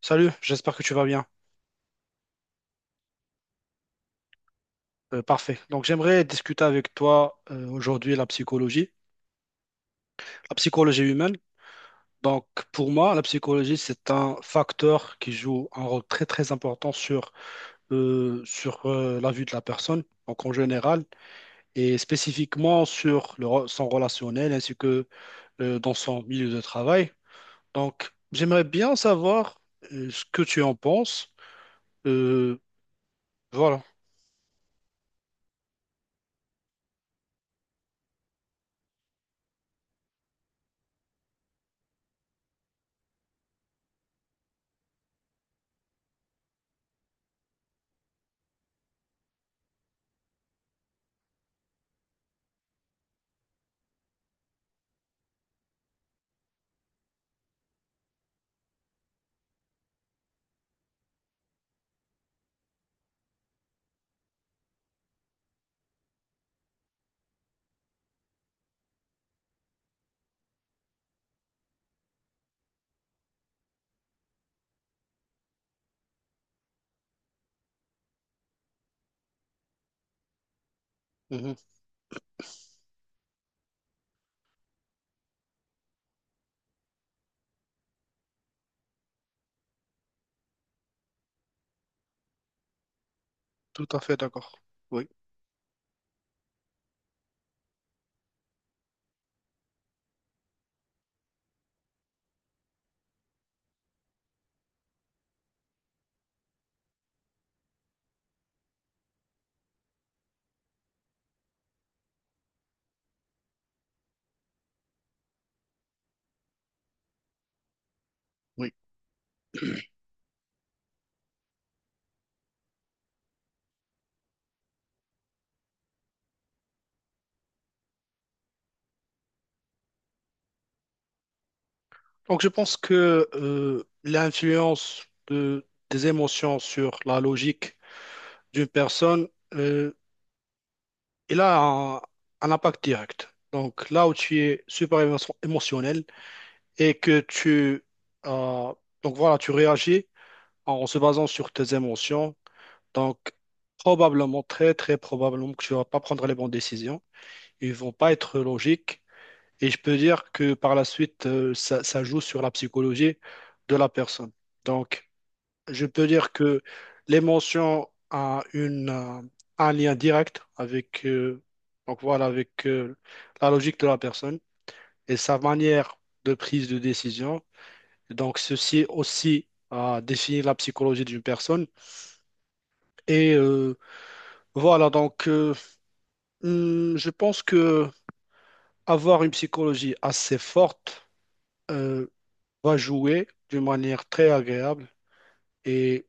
Salut, j'espère que tu vas bien. Parfait. Donc, j'aimerais discuter avec toi aujourd'hui la psychologie humaine. Donc, pour moi, la psychologie, c'est un facteur qui joue un rôle très, très important sur la vie de la personne, donc en général, et spécifiquement sur son relationnel ainsi que dans son milieu de travail. Donc, j'aimerais bien savoir ce que tu en penses. Euh, voilà. Mhm. Tout à fait d'accord. Oui. Oui. Donc, je pense que l'influence des émotions sur la logique d'une personne, euh, il a un impact direct. Donc, là où tu es super émotionnel et que tu, euh, tu réagis en se basant sur tes émotions. Donc, probablement, très, très probablement que tu ne vas pas prendre les bonnes décisions. Ils ne vont pas être logiques. Et je peux dire que par la suite, ça joue sur la psychologie de la personne. Donc, je peux dire que l'émotion a un lien direct avec la logique de la personne et sa manière de prise de décision. Donc, ceci aussi a défini la psychologie d'une personne. Et euh, voilà, donc, euh, je pense que avoir une psychologie assez forte euh, va jouer d'une manière très agréable et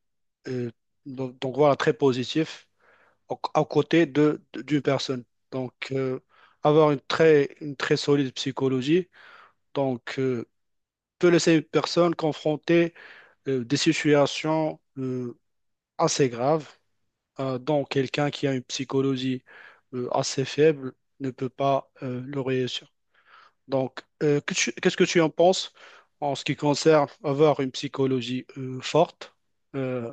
euh, très positif à côté d'une personne. Donc, euh, Avoir une très solide psychologie, donc, euh, peut laisser une personne confrontée des situations assez graves. Donc, quelqu'un qui a une psychologie assez faible ne peut pas le réussir. Donc, qu'est-ce que tu en penses en ce qui concerne avoir une psychologie forte euh,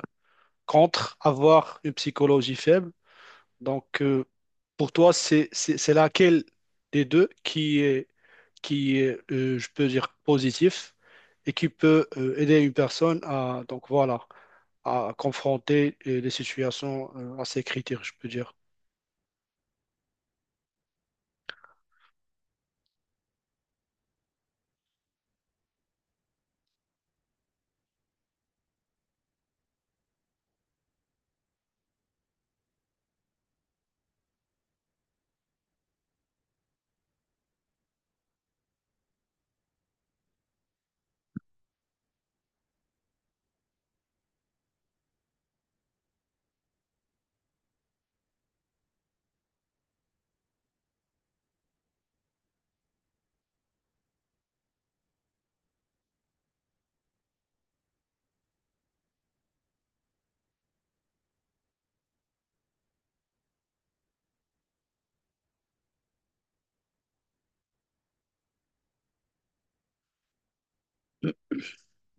contre avoir une psychologie faible? Donc, euh, pour toi, c'est laquelle des deux qui est, je peux dire, positif et qui peut aider une personne à, à confronter les situations à ces critères, je peux dire.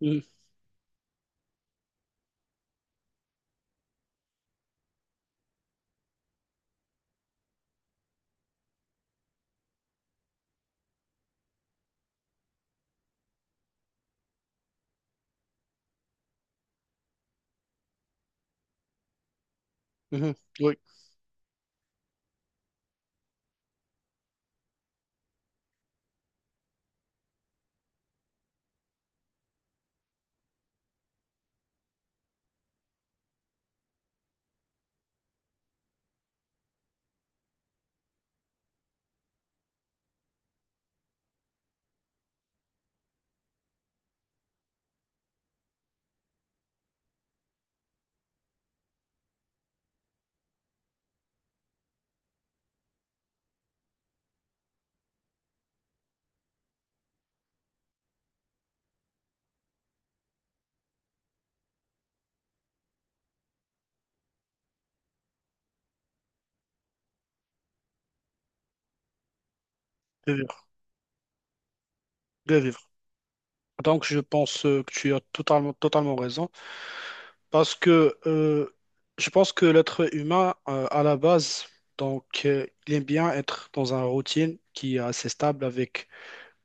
Mhm, mhm, oui, de vivre, de vivre. Donc, je pense que tu as totalement, totalement raison parce que je pense que l'être humain, à la base, il aime bien être dans une routine qui est assez stable avec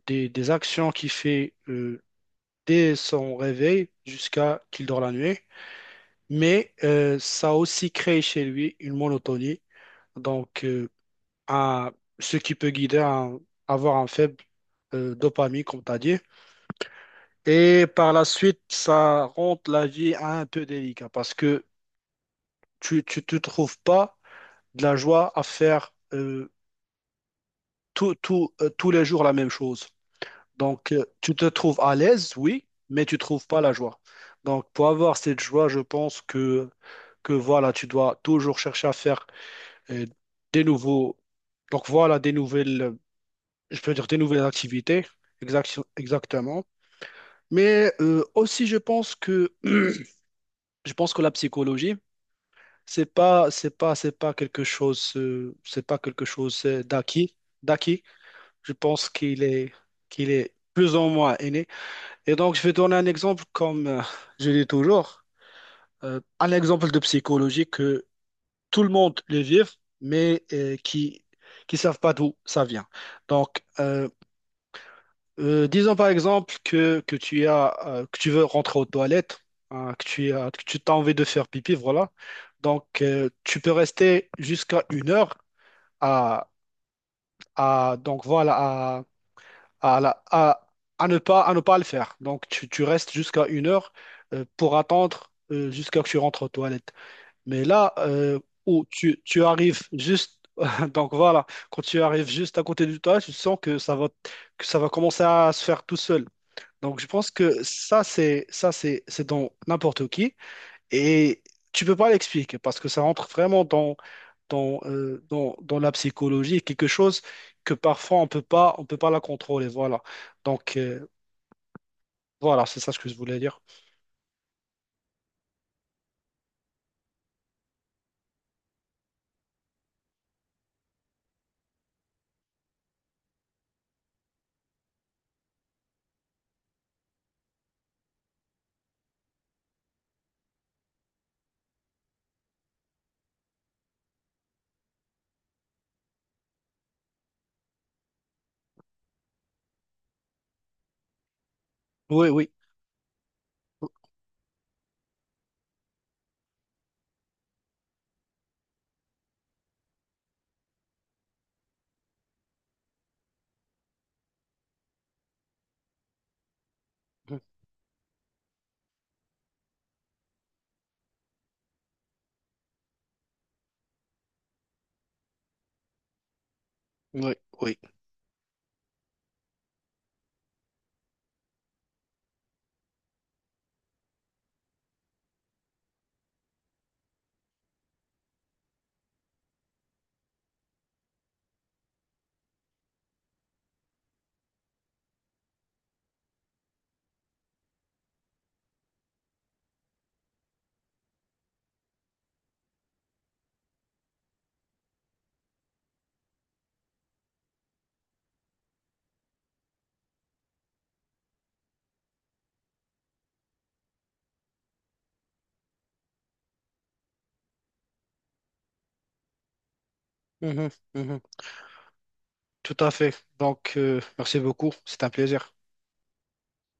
des actions qu'il fait dès son réveil jusqu'à qu'il dort la nuit. Mais ça a aussi créé chez lui une monotonie, donc euh, un- ce qui peut guider à avoir un faible dopamine, comme tu as dit. Et par la suite, ça rend la vie un peu délicate parce que tu te trouves pas de la joie à faire tous les jours la même chose. Donc, tu te trouves à l'aise, oui, mais tu trouves pas la joie. Donc, pour avoir cette joie, je pense que tu dois toujours chercher à faire euh, des nouveaux, donc voilà, des nouvelles, je peux dire des nouvelles activités, exactement. Mais aussi, je pense que, je pense que la psychologie, c'est pas, c'est pas, c'est pas quelque chose, c'est pas quelque chose d'acquis. Je pense qu'il est plus ou moins inné. Et donc, je vais donner un exemple, comme je dis toujours, un exemple de psychologie que tout le monde le vit, mais qui savent pas d'où ça vient. Donc, disons par exemple que tu as, que tu veux rentrer aux toilettes, hein, que tu t'as envie de faire pipi, voilà. Donc, tu peux rester jusqu'à une heure à, à donc voilà à, la- à, à ne pas le faire. Donc, tu restes jusqu'à une heure pour attendre jusqu'à que tu rentres aux toilettes. Mais là tu arrives juste, quand tu arrives juste à côté du toilette, tu sens que ça va commencer à se faire tout seul. Donc, je pense que c'est dans n'importe qui. Et tu peux pas l'expliquer parce que ça rentre vraiment dans la psychologie, quelque chose que parfois on peut pas la contrôler. Voilà. Donc euh, voilà, c'est ça ce que je voulais dire. Oui, oui. Mhm. Oui, oui. Mhm, mhm. Tout à fait. Donc merci beaucoup. C'est un plaisir.